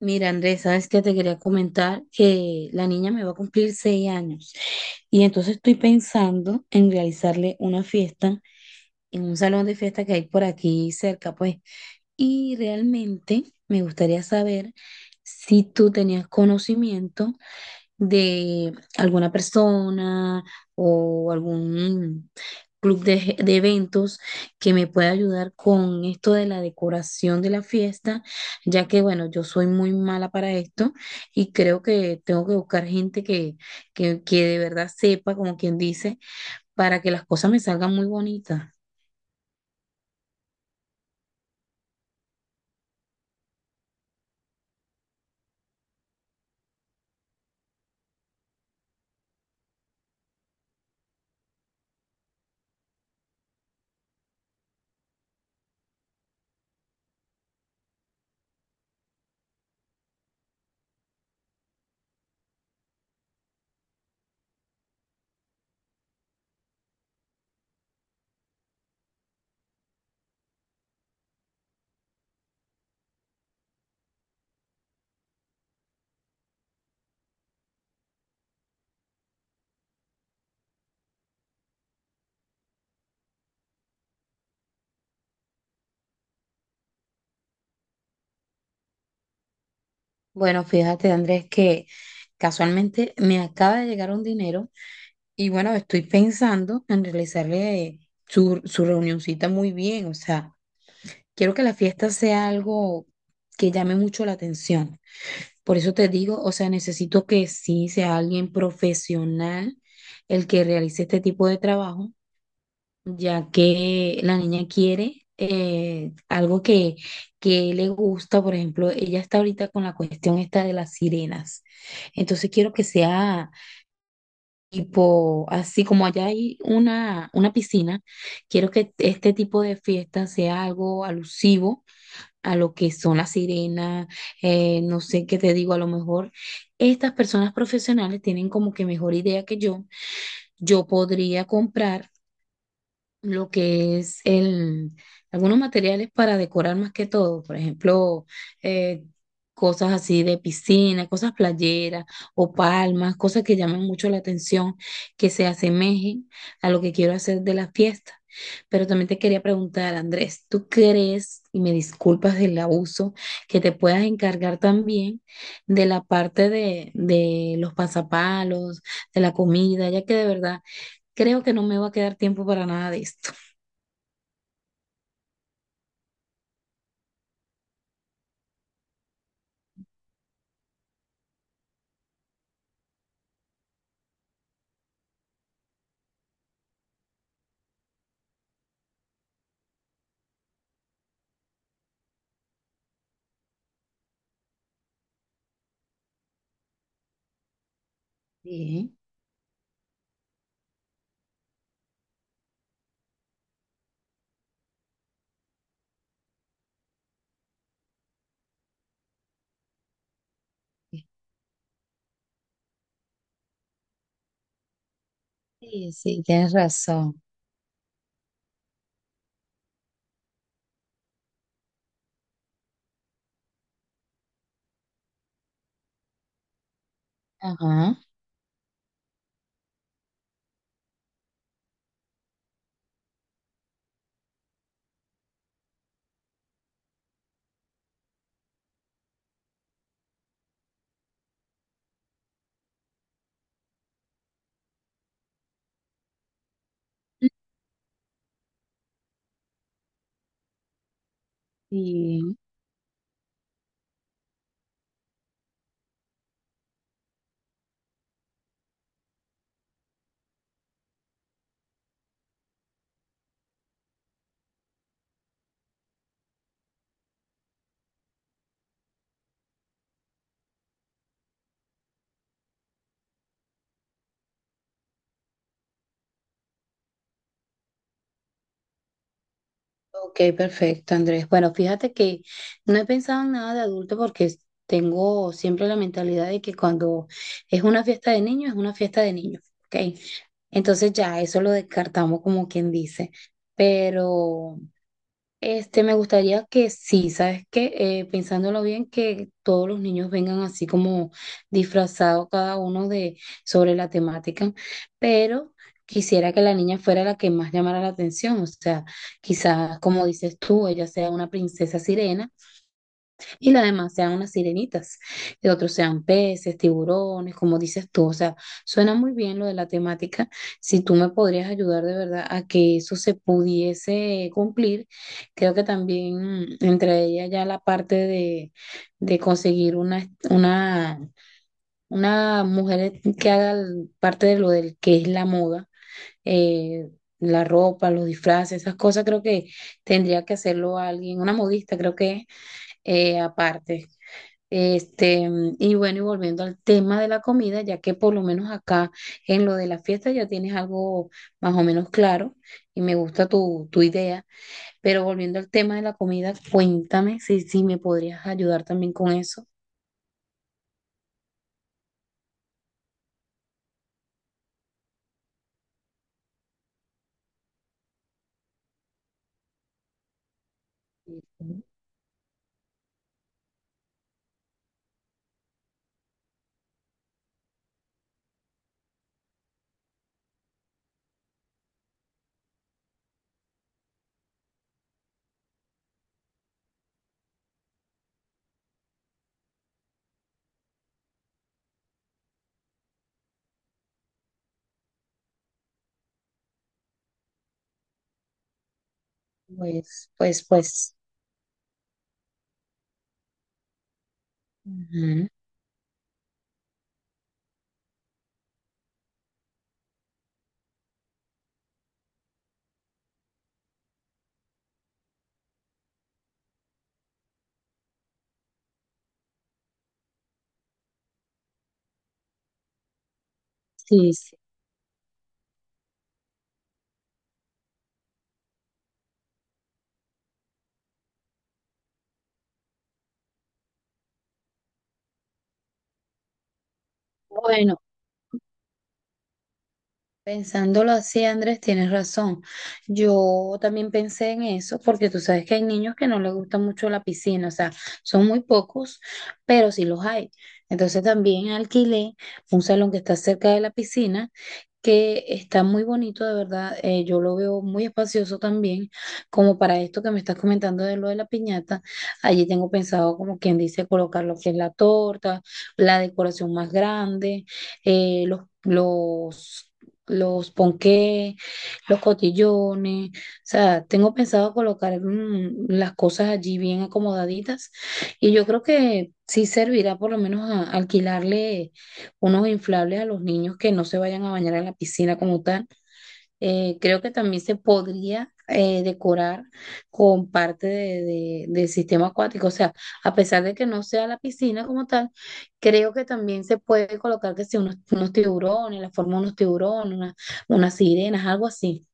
Mira, Andrés, sabes que te quería comentar que la niña me va a cumplir 6 años y entonces estoy pensando en realizarle una fiesta en un salón de fiesta que hay por aquí cerca, pues. Y realmente me gustaría saber si tú tenías conocimiento de alguna persona o algún club de eventos que me pueda ayudar con esto de la decoración de la fiesta, ya que bueno, yo soy muy mala para esto y creo que tengo que buscar gente que de verdad sepa, como quien dice, para que las cosas me salgan muy bonitas. Bueno, fíjate, Andrés, que casualmente me acaba de llegar un dinero. Y bueno, estoy pensando en realizarle su reunioncita muy bien. O sea, quiero que la fiesta sea algo que llame mucho la atención. Por eso te digo, o sea, necesito que sí sea alguien profesional el que realice este tipo de trabajo, ya que la niña quiere algo que le gusta. Por ejemplo, ella está ahorita con la cuestión esta de las sirenas. Entonces quiero que sea tipo, así como allá hay una piscina, quiero que este tipo de fiesta sea algo alusivo a lo que son las sirenas. No sé qué te digo, a lo mejor estas personas profesionales tienen como que mejor idea que yo. Yo podría comprar lo que es el, algunos materiales para decorar más que todo. Por ejemplo, eh, cosas así de piscina, cosas playeras o palmas, cosas que llamen mucho la atención, que se asemejen a lo que quiero hacer de la fiesta. Pero también te quería preguntar, Andrés, ¿tú crees, y me disculpas del abuso, que te puedas encargar también de la parte de los pasapalos, de la comida, ya que de verdad creo que no me va a quedar tiempo para nada de esto? Sí, sí, sí, tienes razón. Ajá. Sí. Ok, perfecto, Andrés. Bueno, fíjate que no he pensado en nada de adulto porque tengo siempre la mentalidad de que cuando es una fiesta de niños, es una fiesta de niños. Ok, entonces ya eso lo descartamos como quien dice. Pero. Me gustaría que sí, ¿sabes qué? Pensándolo bien, que todos los niños vengan así como disfrazados cada uno de sobre la temática, pero quisiera que la niña fuera la que más llamara la atención. O sea, quizás como dices tú, ella sea una princesa sirena y las demás sean unas sirenitas, y otros sean peces, tiburones, como dices tú. O sea, suena muy bien lo de la temática. Si tú me podrías ayudar de verdad a que eso se pudiese cumplir, creo que también entre ellas ya la parte de conseguir una mujer que haga parte de lo del que es la moda. eh, la ropa, los disfraces, esas cosas creo que tendría que hacerlo alguien, una modista creo que aparte, este, y bueno, y volviendo al tema de la comida, ya que por lo menos acá en lo de la fiesta ya tienes algo más o menos claro y me gusta tu idea, pero volviendo al tema de la comida, cuéntame si me podrías ayudar también con eso. Pues, pues, pues. Ujú. Sí, sí. Bueno. Pensándolo así, Andrés, tienes razón. Yo también pensé en eso, porque tú sabes que hay niños que no les gusta mucho la piscina, o sea, son muy pocos, pero sí los hay. Entonces también alquilé un salón que está cerca de la piscina, que está muy bonito, de verdad. Yo lo veo muy espacioso también, como para esto que me estás comentando de lo de la piñata. Allí tengo pensado, como quien dice, colocar lo que es la torta, la decoración más grande, eh, los... Los los ponqués, los cotillones. O sea, tengo pensado colocar las cosas allí bien acomodaditas y yo creo que sí servirá por lo menos alquilarle unos inflables a los niños que no se vayan a bañar en la piscina como tal. Creo que también se podría decorar con parte del sistema acuático. O sea, a pesar de que no sea la piscina como tal, creo que también se puede colocar que si unos tiburones, la forma de unos tiburones, unas sirenas, algo así.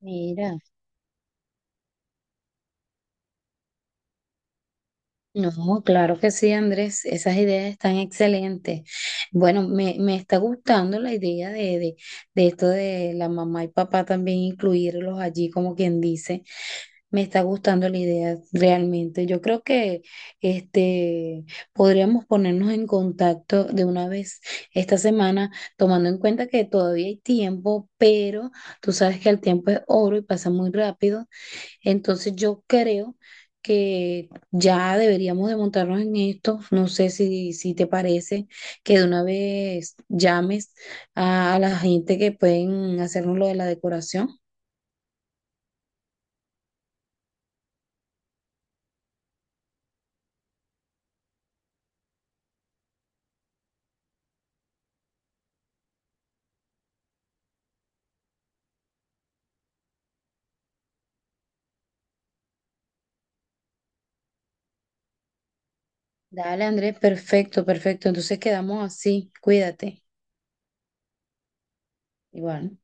Mira, no, claro que sí, Andrés, esas ideas están excelentes. Bueno, me está gustando la idea de esto de la mamá y papá también incluirlos allí, como quien dice. Me está gustando la idea, realmente. Yo creo que este podríamos ponernos en contacto de una vez esta semana, tomando en cuenta que todavía hay tiempo, pero tú sabes que el tiempo es oro y pasa muy rápido. Entonces yo creo que ya deberíamos de montarnos en esto. No sé si te parece que de una vez llames a la gente que pueden hacernos lo de la decoración. Dale, Andrés, perfecto, perfecto. Entonces quedamos así. Cuídate. Igual.